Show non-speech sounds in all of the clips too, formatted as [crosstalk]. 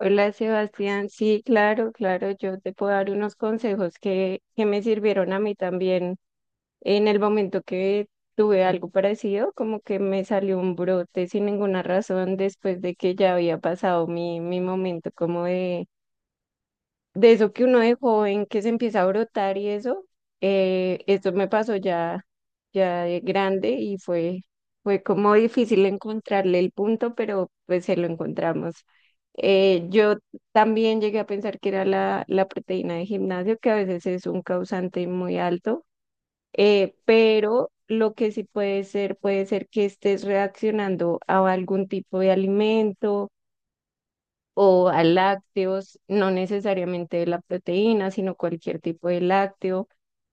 Hola Sebastián, sí, claro, claro, yo te puedo dar unos consejos que me sirvieron a mí también en el momento que tuve algo parecido, como que me salió un brote sin ninguna razón después de que ya había pasado mi momento como de eso que uno de joven que se empieza a brotar y eso, esto me pasó ya, ya de grande y fue como difícil encontrarle el punto, pero pues se lo encontramos. Yo también llegué a pensar que era la proteína de gimnasio, que a veces es un causante muy alto, pero lo que sí puede ser que estés reaccionando a algún tipo de alimento o a lácteos, no necesariamente de la proteína, sino cualquier tipo de lácteo.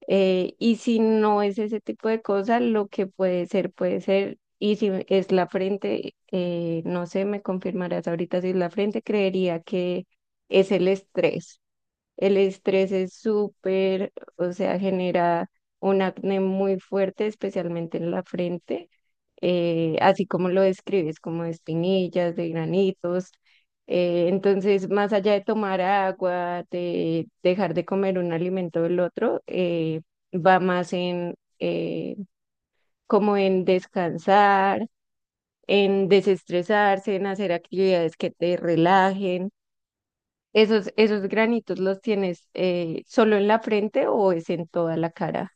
Y si no es ese tipo de cosas, lo que puede ser, puede ser. Y si es la frente, no sé, me confirmarás ahorita si es la frente, creería que es el estrés. El estrés es súper, o sea, genera un acné muy fuerte, especialmente en la frente, así como lo describes, como de espinillas, de granitos. Entonces, más allá de tomar agua, de dejar de comer un alimento del otro, va más en como en descansar, en desestresarse, en hacer actividades que te relajen. Esos granitos los tienes solo en la frente o es en toda la cara?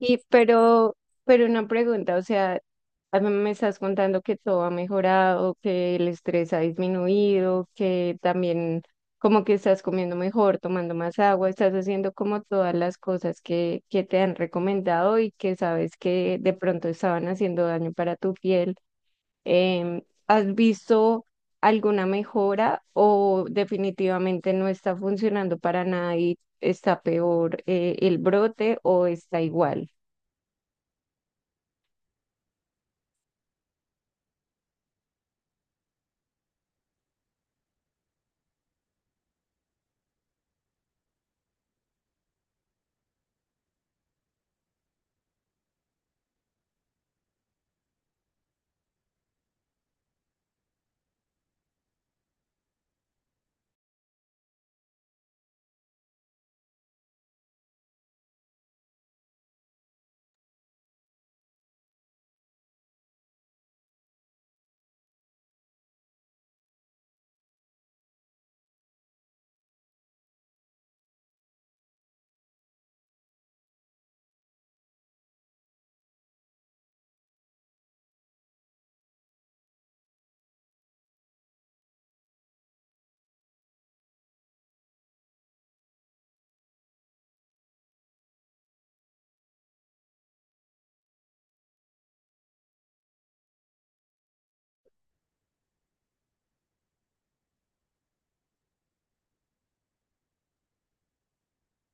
Y pero una pregunta, o sea, a mí me estás contando que todo ha mejorado, que el estrés ha disminuido, que también como que estás comiendo mejor, tomando más agua, estás haciendo como todas las cosas que te han recomendado y que sabes que de pronto estaban haciendo daño para tu piel. Em, ¿Has visto alguna mejora o definitivamente no está funcionando para nada y está peor el brote o está igual?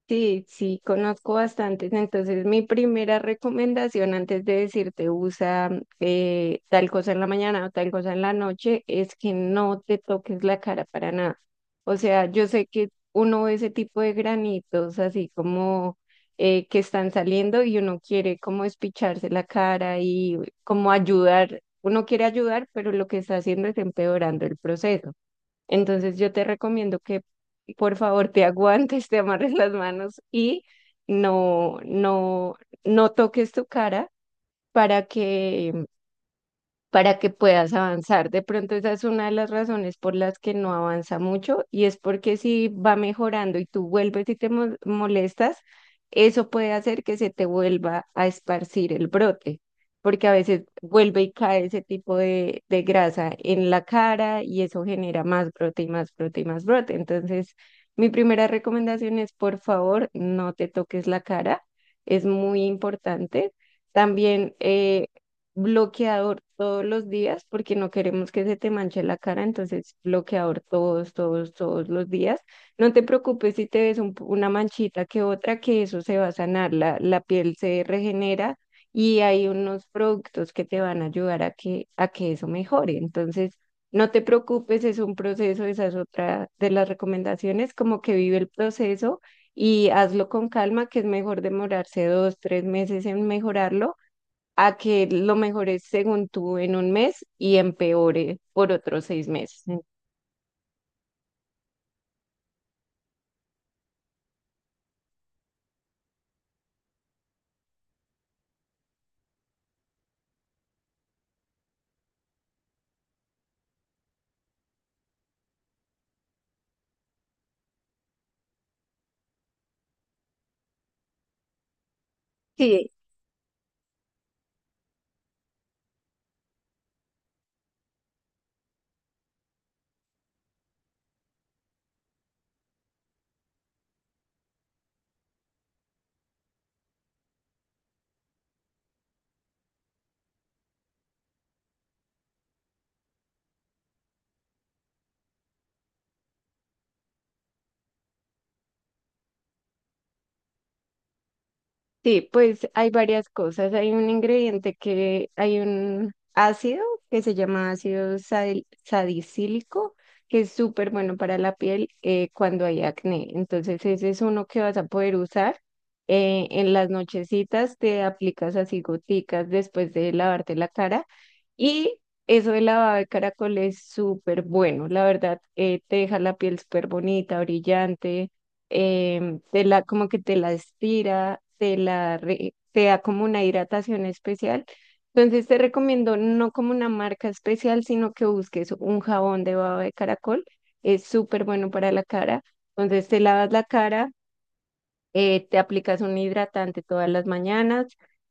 Sí, sí, conozco bastantes. Entonces, mi primera recomendación antes de decirte usa tal cosa en la mañana o tal cosa en la noche es que no te toques la cara para nada. O sea, yo sé que uno ve ese tipo de granitos así como que están saliendo y uno quiere como espicharse la cara y como ayudar. Uno quiere ayudar, pero lo que está haciendo es empeorando el proceso. Entonces yo te recomiendo que por favor te [laughs] aguantes, te amarres las manos y no, no, no toques tu cara para que para que puedas avanzar. De pronto esa es una de las razones por las que no avanza mucho y es porque si va mejorando y tú vuelves y te molestas, eso puede hacer que se te vuelva a esparcir el brote, porque a veces vuelve y cae ese tipo de grasa en la cara y eso genera más brote y más brote y más brote. Entonces, mi primera recomendación es, por favor, no te toques la cara. Es muy importante. También bloqueador todos los días porque no queremos que se te manche la cara, entonces bloqueador todos, todos, todos los días. No te preocupes si te ves una manchita que otra, que eso se va a sanar, la piel se regenera y hay unos productos que te van a ayudar a a que eso mejore. Entonces, no te preocupes, es un proceso, esa es otra de las recomendaciones, como que vive el proceso. Y hazlo con calma, que es mejor demorarse 2, 3 meses en mejorarlo a que lo mejores según tú en un mes y empeore por otros 6 meses. Sí. Sí, pues hay varias cosas. Hay un ingrediente que, hay un ácido que se llama ácido salicílico, que es súper bueno para la piel cuando hay acné. Entonces ese es uno que vas a poder usar. En las nochecitas te aplicas así goticas después de lavarte la cara y eso de lavado de caracol es súper bueno. La verdad, te deja la piel súper bonita, brillante. Te como que te la estira, te la te da como una hidratación especial. Entonces te recomiendo no como una marca especial, sino que busques un jabón de baba de caracol. Es súper bueno para la cara. Entonces te lavas la cara, te aplicas un hidratante todas las mañanas.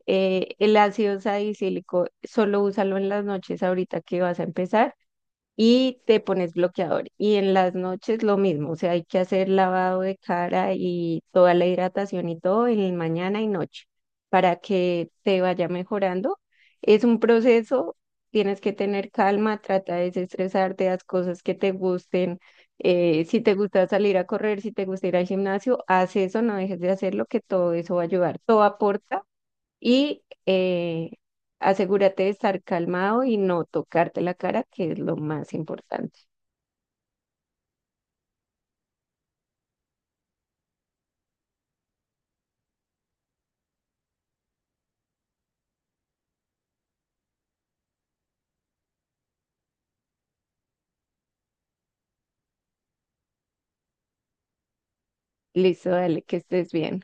El ácido salicílico solo úsalo en las noches ahorita que vas a empezar y te pones bloqueador. Y en las noches lo mismo, o sea, hay que hacer lavado de cara y toda la hidratación y todo en el mañana y noche para que te vaya mejorando. Es un proceso, tienes que tener calma, trata de desestresarte, haz cosas que te gusten. Si te gusta salir a correr, si te gusta ir al gimnasio, haz eso, no dejes de hacerlo, que todo eso va a ayudar. Todo aporta y asegúrate de estar calmado y no tocarte la cara, que es lo más importante. Listo, dale, que estés bien.